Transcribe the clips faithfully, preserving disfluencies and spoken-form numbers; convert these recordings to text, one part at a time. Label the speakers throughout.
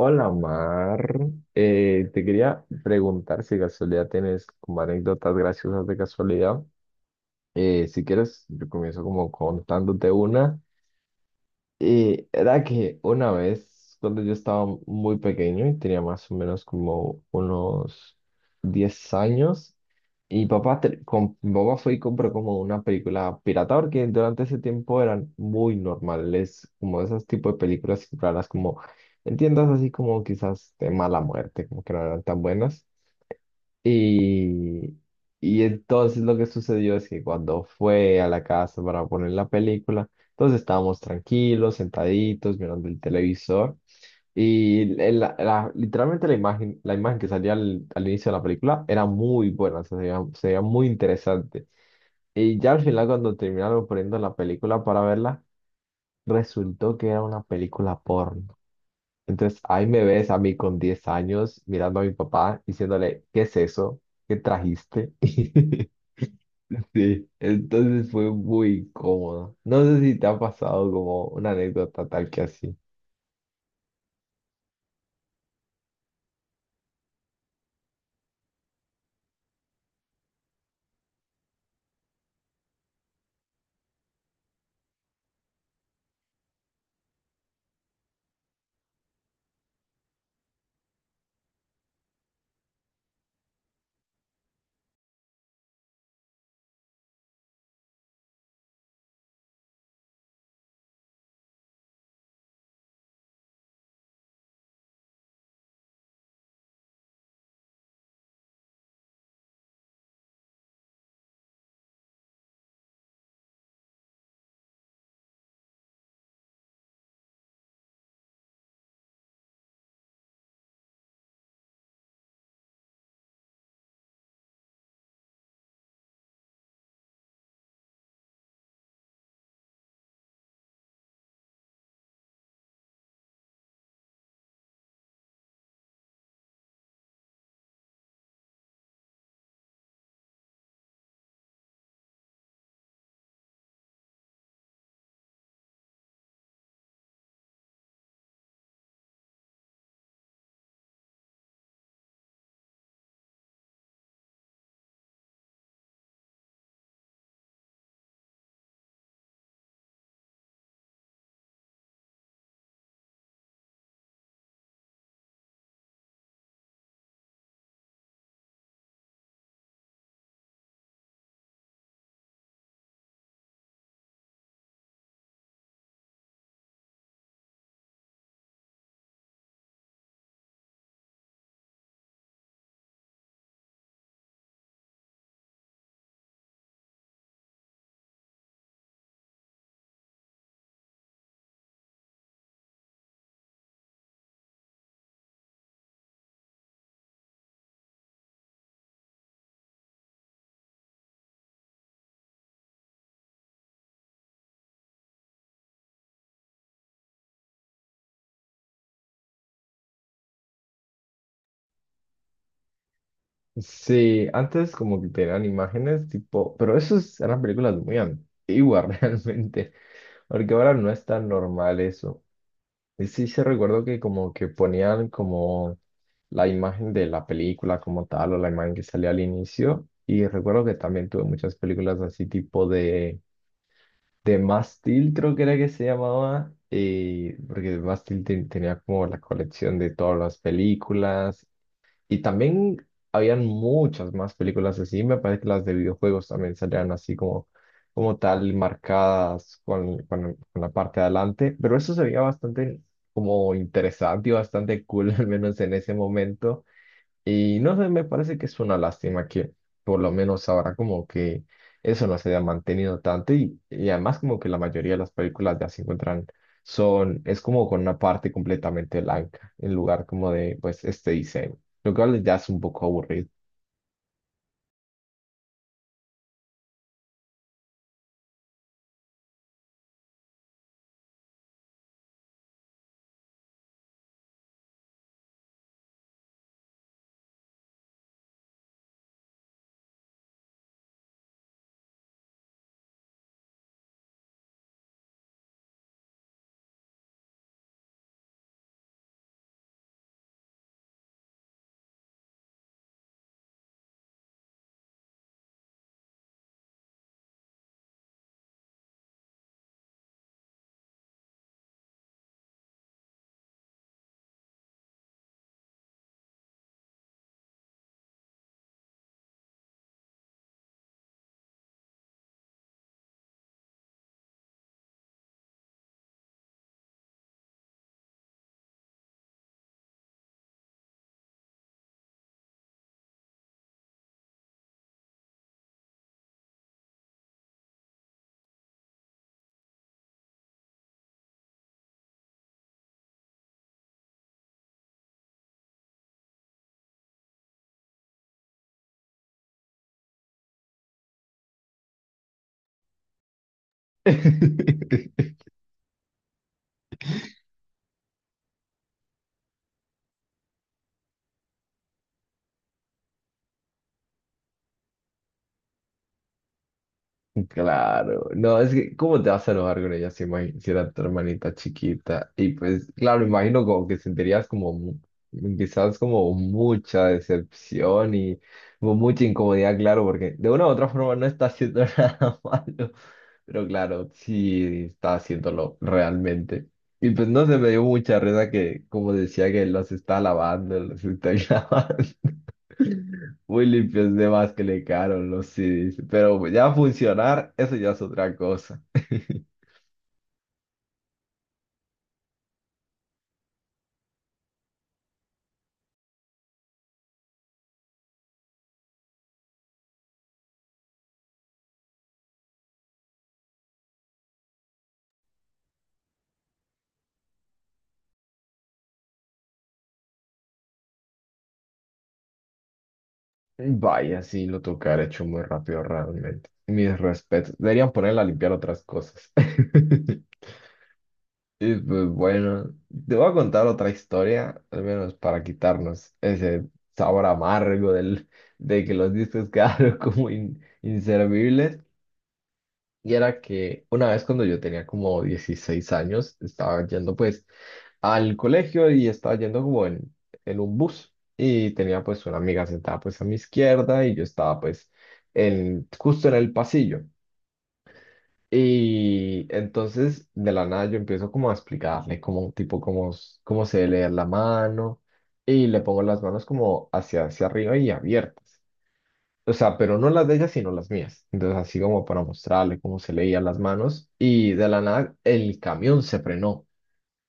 Speaker 1: Hola, Mar. Eh, te quería preguntar si de casualidad tienes como anécdotas graciosas de casualidad. Eh, si quieres, yo comienzo como contándote una, y era que una vez, cuando yo estaba muy pequeño y tenía más o menos como unos diez años, y papá, te- com- mi papá fue y compró como una película pirata, porque durante ese tiempo eran muy normales, como esos tipos de películas raras, como en tiendas así como quizás de mala muerte, como que no eran tan buenas. Y, y entonces lo que sucedió es que cuando fue a la casa para poner la película, entonces estábamos tranquilos, sentaditos, mirando el televisor. Y el- la- la- literalmente la imagen, la imagen que salía al, al inicio de la película era muy buena, o sea, se veía, se veía muy interesante. Y ya al final, cuando terminaron poniendo la película para verla, resultó que era una película porno. Entonces ahí me ves a mí con diez años mirando a mi papá diciéndole, ¿qué es eso? ¿Qué trajiste? Sí, entonces fue muy incómodo. No sé si te ha pasado como una anécdota tal que así. Sí, antes como que tenían imágenes tipo, pero esas eran películas muy antiguas realmente, porque ahora no es tan normal eso. Y sí, se recuerdo que como que ponían como la imagen de la película como tal o la imagen que salía al inicio. Y recuerdo que también tuve muchas películas así tipo de, de Mástil, creo que era que se llamaba. Y porque Mástil ten- tenía como la colección de todas las películas y también habían muchas más películas así. Me parece que las de videojuegos también salían así como, como tal, marcadas con, con- con la parte de adelante. Pero eso se veía bastante como interesante y bastante cool, al menos en ese momento. Y no sé, me parece que es una lástima que por lo menos ahora como que eso no se haya mantenido tanto y, y además como que la mayoría de las películas ya se encuentran son, es como con una parte completamente blanca en lugar como de pues este diseño, lo cual ya es un poco aburrido. Claro, no, es que, ¿cómo te vas a enojar con ella si, imagi- si era tu hermanita chiquita? Y pues, claro, imagino como que sentirías como, mu- quizás como mucha decepción y como mucha incomodidad, claro, porque de una u otra forma no está haciendo nada malo, pero claro, sí está haciéndolo realmente. Y pues no se me dio mucha risa que, como decía, que los está lavando, los está grabando. Muy limpios de más que le quedaron los C Ds. Pero ya funcionar, eso ya es otra cosa. Vaya, sí, lo tocar hecho muy rápido realmente. Mis respetos. Deberían ponerla a limpiar otras cosas. Y pues bueno, te voy a contar otra historia, al menos para quitarnos ese sabor amargo del, de que los discos quedaron como in- inservibles. Y era que una vez cuando yo tenía como dieciséis años, estaba yendo pues al colegio y estaba yendo como en, en un bus y tenía pues una amiga sentada pues a mi izquierda y yo estaba pues en, justo en el pasillo. Y entonces de la nada yo empiezo como a explicarle como tipo cómo, s- cómo se debe leer la mano y le pongo las manos como hacia, hacia arriba y abiertas. O sea, pero no las de ella, sino las mías. Entonces, así como para mostrarle cómo se leían las manos. Y de la nada, el camión se frenó.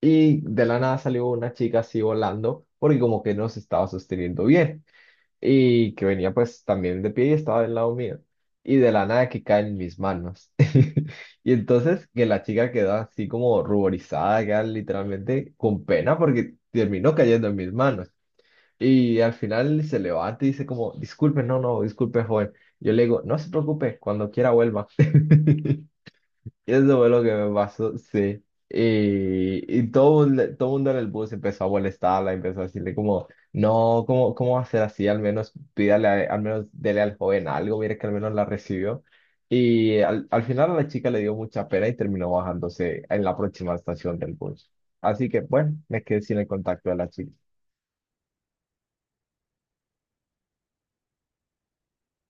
Speaker 1: Y de la nada salió una chica así volando, porque como que no se estaba sosteniendo bien. Y que venía pues también de pie y estaba del lado mío. Y de la nada que cae en mis manos. Y entonces que la chica quedó así como ruborizada, ya literalmente con pena, porque terminó cayendo en mis manos. Y al final se levanta y dice como, disculpe, no, no, disculpe, joven. Yo le digo, no se preocupe, cuando quiera vuelva. Y eso fue lo que me pasó, sí. Y, y todo, el- todo el mundo en el bus empezó a molestarla, empezó a decirle como, no, ¿cómo, cómo va a ser así? Al menos pídale, a- al menos dele al joven algo, mire que al menos la recibió. Y al, al final a la chica le dio mucha pena y terminó bajándose en la próxima estación del bus. Así que, bueno, me quedé sin el contacto de la chica.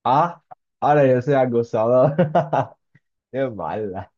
Speaker 1: Ah, ahora yo soy acusado. Qué mala.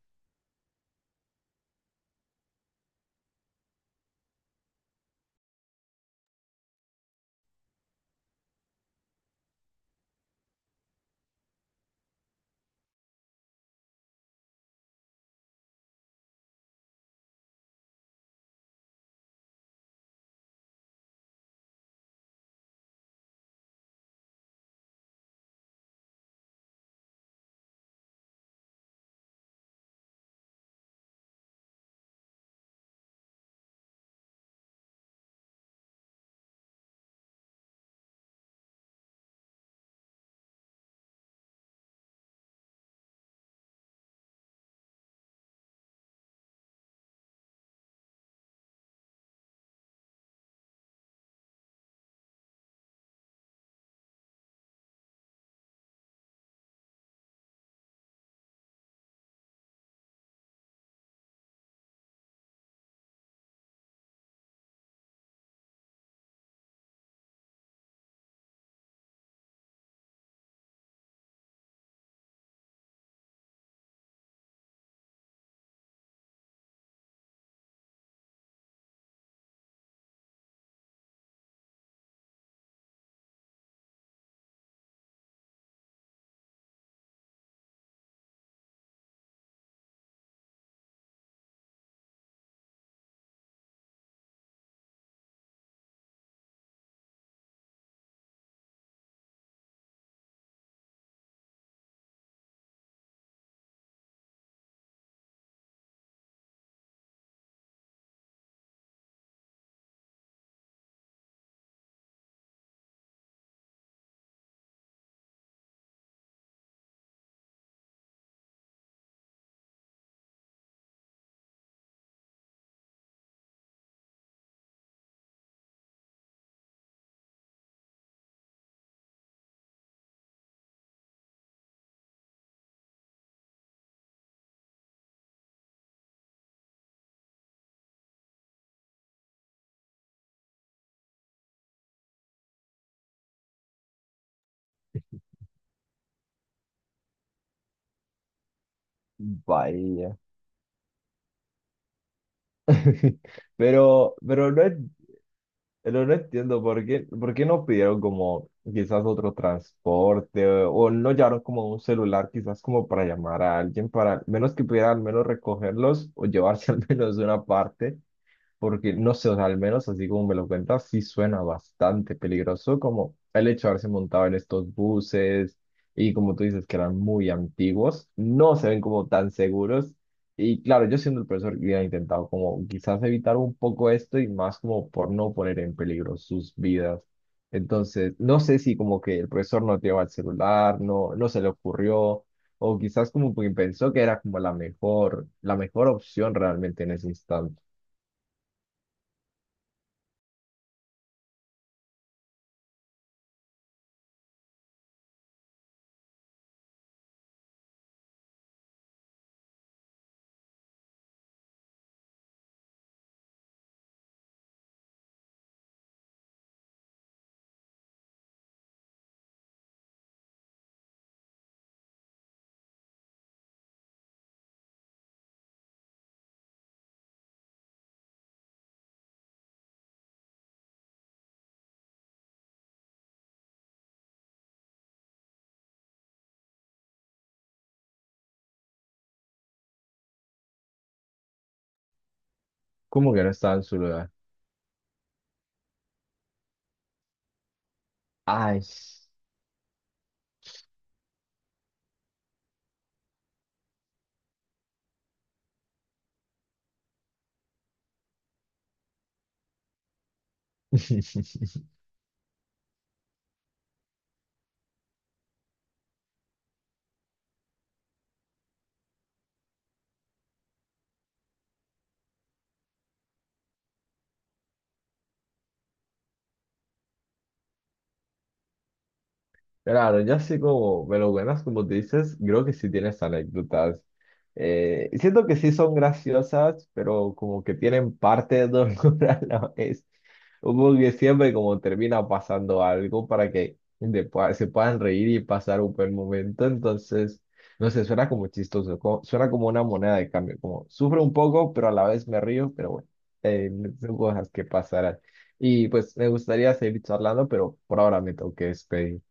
Speaker 1: Vaya. Pero, pero no es. Pero no entiendo por qué, por qué no pidieron como quizás otro transporte o no llevaron como un celular quizás como para llamar a alguien para al menos que pudiera al menos recogerlos o llevarse al menos una parte, porque no sé, o sea, al menos así como me lo cuentas, sí suena bastante peligroso como el hecho de haberse montado en estos buses y como tú dices que eran muy antiguos, no se ven como tan seguros y claro, yo siendo el profesor hubiera intentado como quizás evitar un poco esto y más como por no poner en peligro sus vidas. Entonces, no sé si como que el profesor no llevaba el celular, no, no se le ocurrió, o quizás como que pensó que era como la mejor, la mejor opción realmente en ese instante. Como que no estaba en su lugar. Ay. Claro, ya así como me lo ganas, como te dices, creo que sí tienes anécdotas. Eh, siento que sí son graciosas, pero como que tienen parte de dolor a la vez. Como que siempre como termina pasando algo para que de- pa- se puedan reír y pasar un buen momento. Entonces, no sé, suena como chistoso, co- suena como una moneda de cambio, como sufro un poco, pero a la vez me río, pero bueno, eh, son cosas que pasarán. Y pues me gustaría seguir charlando, pero por ahora me tengo que despedir.